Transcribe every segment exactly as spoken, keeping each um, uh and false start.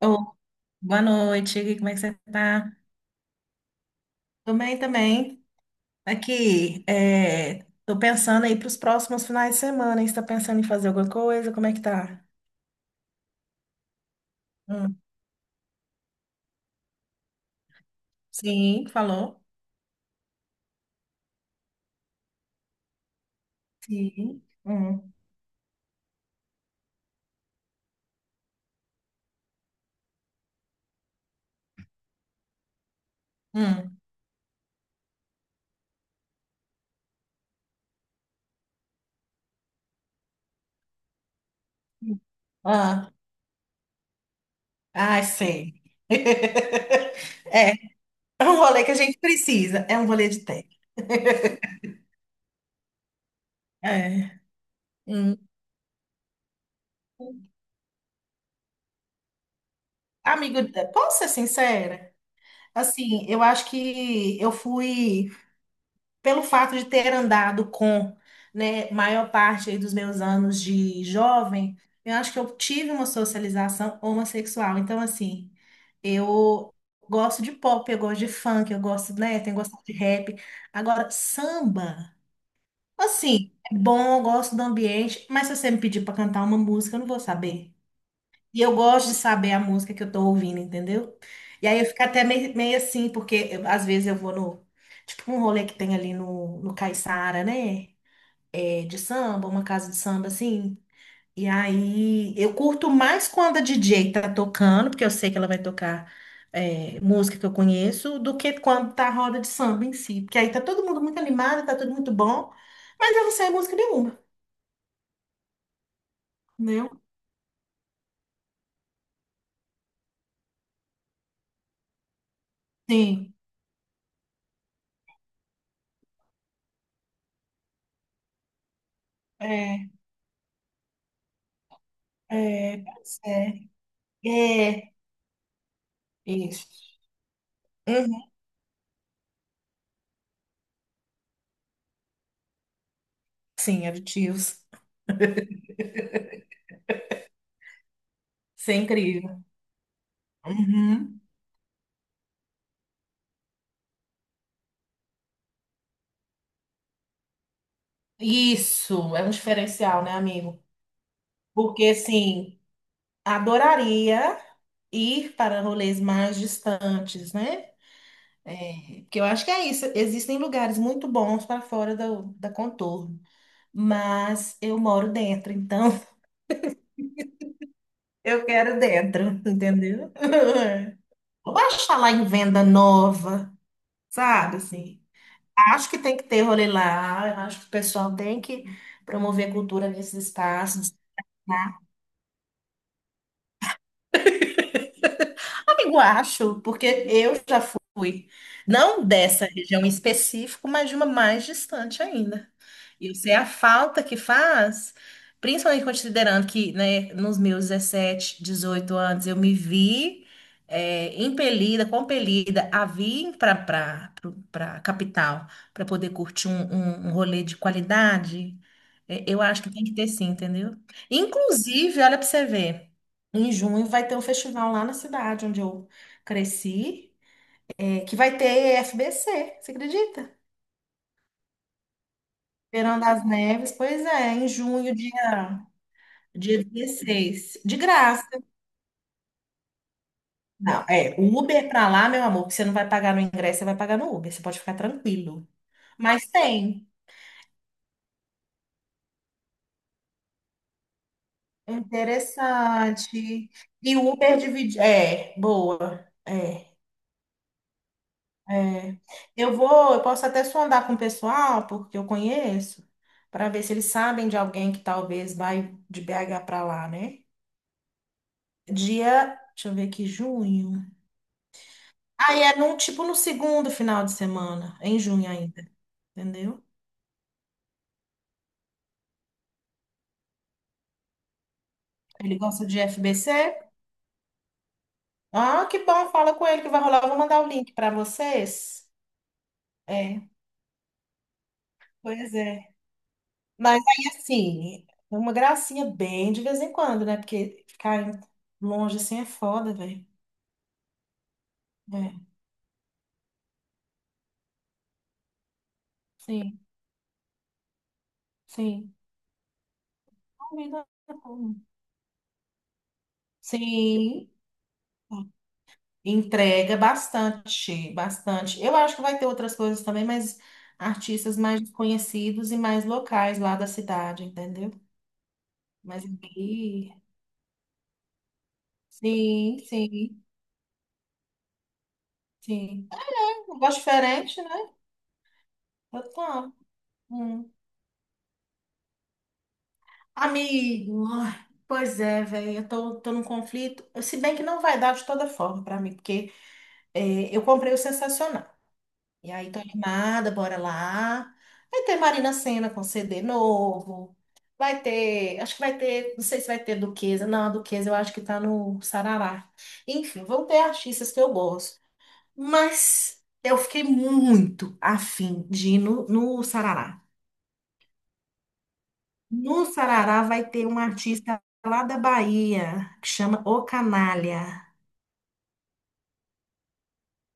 Oh, boa noite, como é que você tá? Tô bem também. Aqui, é, tô pensando aí pros próximos finais de semana, hein? Você tá pensando em fazer alguma coisa? Como é que tá? Hum. Sim, falou. Sim. Hum. Hum. Ah, ah, sei. É, é um rolê que a gente precisa. É um rolê de técnica. É. Hum. Amigo, posso ser sincera? Assim, eu acho que eu fui, pelo fato de ter andado com, né, maior parte aí dos meus anos de jovem. Eu acho que eu tive uma socialização homossexual. Então, assim, eu gosto de pop, eu gosto de funk, eu gosto, né, tenho gostado de rap. Agora, samba, assim, é bom, eu gosto do ambiente, mas se você me pedir para cantar uma música, eu não vou saber. E eu gosto de saber a música que eu tô ouvindo, entendeu? E aí eu fico até meio, meio assim, porque eu- às vezes eu vou no. Tipo um rolê que tem ali no, no Caiçara, né? É, de samba, uma casa de samba assim. E aí eu curto mais quando a D J tá tocando, porque eu sei que ela vai tocar é, música que eu conheço, do que quando tá a roda de samba em si. Porque aí tá todo mundo muito animado, tá tudo muito bom, mas eu não sei música nenhuma, entendeu? Sim. É, é, pois é. É, isso. Uhum. Sim, aditivos. Isso é incrível. Uhum. Isso, é um diferencial, né, amigo? Porque, assim, adoraria ir para rolês mais distantes, né? É, porque eu acho que é isso. Existem lugares muito bons para fora do, da Contorno, mas eu moro dentro, então eu quero dentro, entendeu? Eu acho falar em venda nova, sabe, assim. Acho que tem que ter rolê lá, eu acho que o pessoal tem que promover cultura nesses espaços. Amigo, acho, porque eu já fui, não dessa região em específico, mas de uma mais distante ainda. Isso é a falta que faz, principalmente considerando que, né, nos meus dezessete, dezoito anos eu me vi é, impelida, compelida a vir para para capital para poder curtir um, um, um rolê de qualidade. É, eu acho que tem que ter, sim, entendeu? Inclusive, olha para você ver, em junho vai ter um festival lá na cidade onde eu cresci, é, que vai ter F B C, você acredita? Verão das Neves, pois é, em junho, dia. Dia dezesseis. De graça. Não, é. O Uber pra lá, meu amor, que você não vai pagar no ingresso, você vai pagar no Uber. Você pode ficar tranquilo. Mas tem. Interessante. E o Uber divide. É, boa. É, é. Eu vou, eu posso até sondar com o pessoal, porque eu conheço, para ver se eles sabem de alguém que talvez vai de B H para lá, né? Dia, deixa eu ver aqui, junho. Aí é num, tipo no segundo final de semana, em junho ainda, entendeu? Ele gosta de F B C? Ah, que bom, fala com ele que vai rolar. Eu vou mandar o link para vocês. É, pois é. Mas aí, assim, é uma gracinha bem de vez em quando, né? Porque ficar em- longe assim é foda, velho. É, sim, sim. Convida todo mundo. Sim, entrega bastante, bastante. Eu acho que vai ter outras coisas também, mas artistas mais conhecidos e mais locais lá da cidade, entendeu? Mas aqui, sim, sim. Sim. É um gosto diferente, né? Eu tô. Hum. Amigo, ai, pois é, velho. Eu tô, tô num conflito. Se bem que não vai dar de toda forma pra mim, porque é, eu comprei o Sensacional. E aí tô animada, bora lá. Vai ter Marina Sena com C D novo. Vai ter. Acho que vai ter. Não sei se vai ter Duquesa. Não, a Duquesa eu acho que tá no Sarará. Enfim, vão ter artistas que eu gosto. Mas eu fiquei muito afim de ir no, no Sarará. No Sarará vai ter um artista lá da Bahia, que chama O Canalha.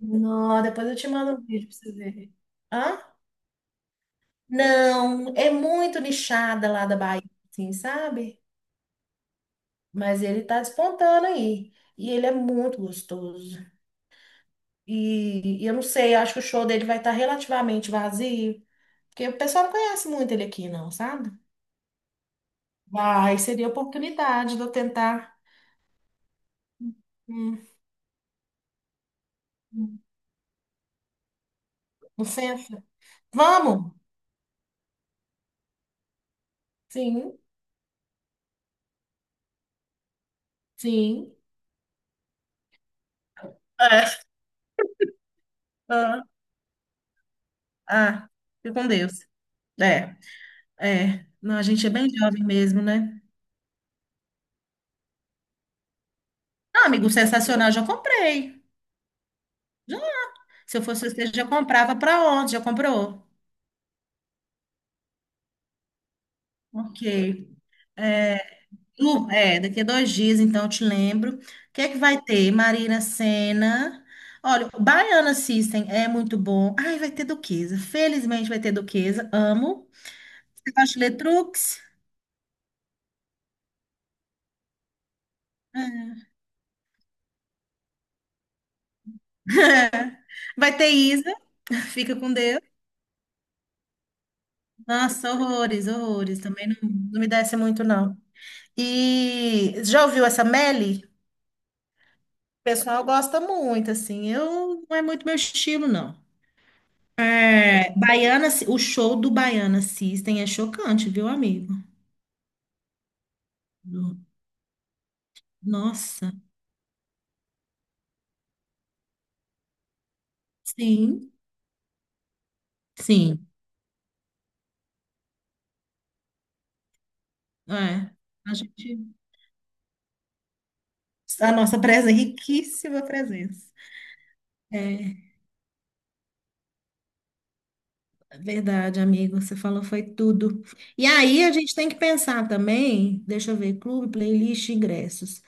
Não, depois eu te mando um vídeo pra você ver. Hã? Não, é muito nichada lá da Bahia, assim, sabe? Mas ele tá despontando aí. E ele é muito gostoso. E, e eu não sei, acho que o show dele vai estar relativamente vazio, porque o pessoal não conhece muito ele aqui, não, sabe? Vai, seria a oportunidade de eu tentar. Hum, hum. Licença. Vamos? Sim. Sim. É. Ah, ah, fica com Deus. É, é. Não, a gente é bem jovem mesmo, né? Ah, amigo, sensacional, já comprei. Já. Se eu fosse você, já comprava. Para onde? Já comprou? Ok. É, Lu, é, daqui a dois dias, então, eu te lembro. O que é que vai ter? Marina Sena. Olha, o Baiana System é muito bom. Ai, vai ter Duquesa. Felizmente vai ter Duquesa. Amo. Você gosta de Letrux? Vai ter Isa. Fica com Deus. Nossa, horrores, horrores. Também não, não me desce muito, não. E já ouviu essa Melly? O pessoal gosta muito, assim. Eu não, é muito meu estilo, não. É, Baiana, o show do Baiana System é chocante, viu, amigo? Do- Nossa, sim, sim. É. A gente, a nossa presença, riquíssima presença. É. Verdade, amigo, você falou foi tudo. E aí a gente tem que pensar também, deixa eu ver, clube, playlist, ingressos.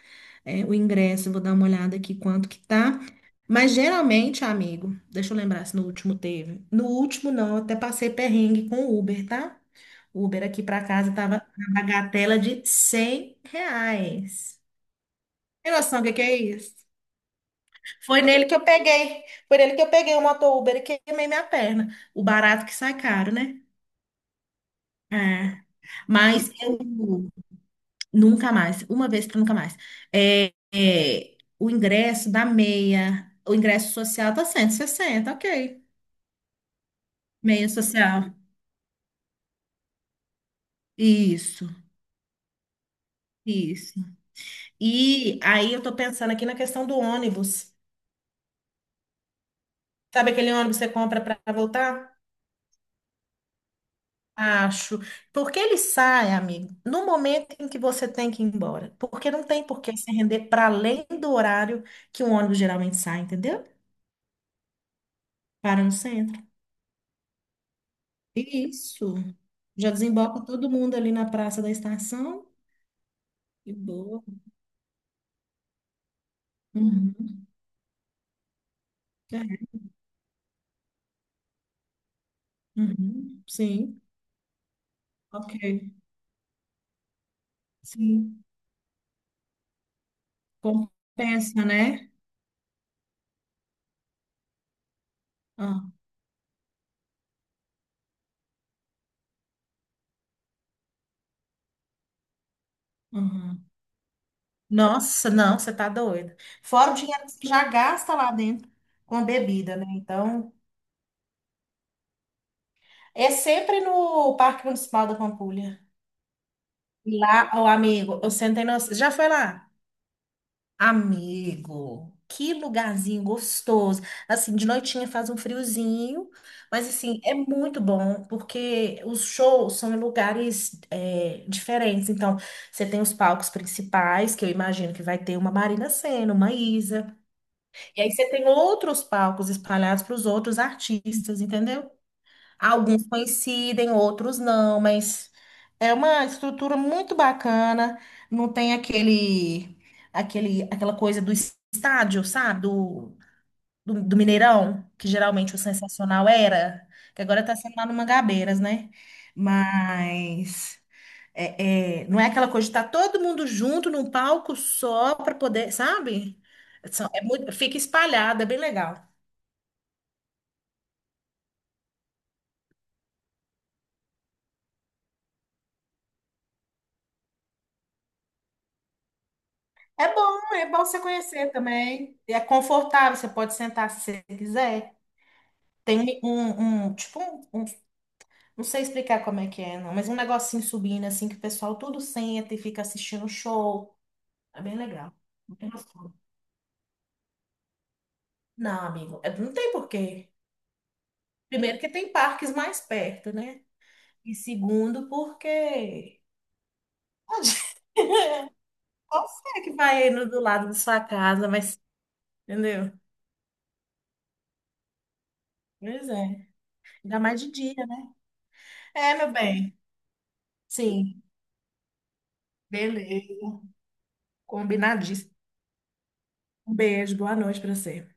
É, o ingresso, vou dar uma olhada aqui quanto que tá. Mas geralmente, amigo, deixa eu lembrar se no último teve. No último não, eu até passei perrengue com o Uber, tá? O Uber aqui pra casa tava na bagatela de cem reais. Tem noção do que que é isso? Foi nele que eu peguei, foi nele que eu peguei o motor Uber e queimei minha perna. O barato que sai caro, né? É. Mas eu nunca mais, uma vez para nunca mais. É, é, o ingresso da meia, o ingresso social tá cento e sessenta, ok. Meia social. Isso, isso. E aí eu tô pensando aqui na questão do ônibus. Sabe aquele ônibus que você compra para voltar? Acho. Porque ele sai, amigo, no momento em que você tem que ir embora. Porque não tem por que se render para além do horário que um ônibus geralmente sai, entendeu? Para no centro. Isso. Já desemboca todo mundo ali na Praça da Estação. Que boa. Uhum. É. Uhum. Sim. Ok. Sim. Compensa, né? Ah, uhum. Nossa, não, você tá doida. Fora o dinheiro que você já gasta lá dentro com a bebida, né? Então, é sempre no Parque Municipal da Pampulha. Lá, o amigo, eu sentei no... Já foi lá? Amigo, que lugarzinho gostoso. Assim, de noitinha faz um friozinho, mas assim, é muito bom porque os shows são em lugares é, diferentes. Então, você tem os palcos principais, que eu imagino que vai ter uma Marina Sena, uma Isa. E aí você tem outros palcos espalhados para os outros artistas, entendeu? Alguns coincidem, outros não, mas é uma estrutura muito bacana. Não tem aquele, aquele, aquela coisa do estádio, sabe? Do, do, do Mineirão, que geralmente o sensacional era, que agora está sendo lá no Mangabeiras, né? Mas é, é, não é aquela coisa de estar todo mundo junto num palco só para poder, sabe? São- É muito, fica espalhado, é bem legal. É bom, é bom você conhecer também. É confortável, você pode sentar se você quiser. Tem um, um um, tipo, um, um- não sei explicar como é que é, não, mas um negocinho subindo, assim, que o pessoal tudo senta e fica assistindo o show. É bem legal. Não tem noção. Não, amigo, é- não tem porquê. Primeiro que tem parques mais perto, né? E segundo porque... pode. Você que vai indo do lado da sua casa, mas... Entendeu? Pois é. Ainda mais de dia, né? É, meu bem. Sim, beleza. Combinadíssimo. Um beijo, boa noite para você.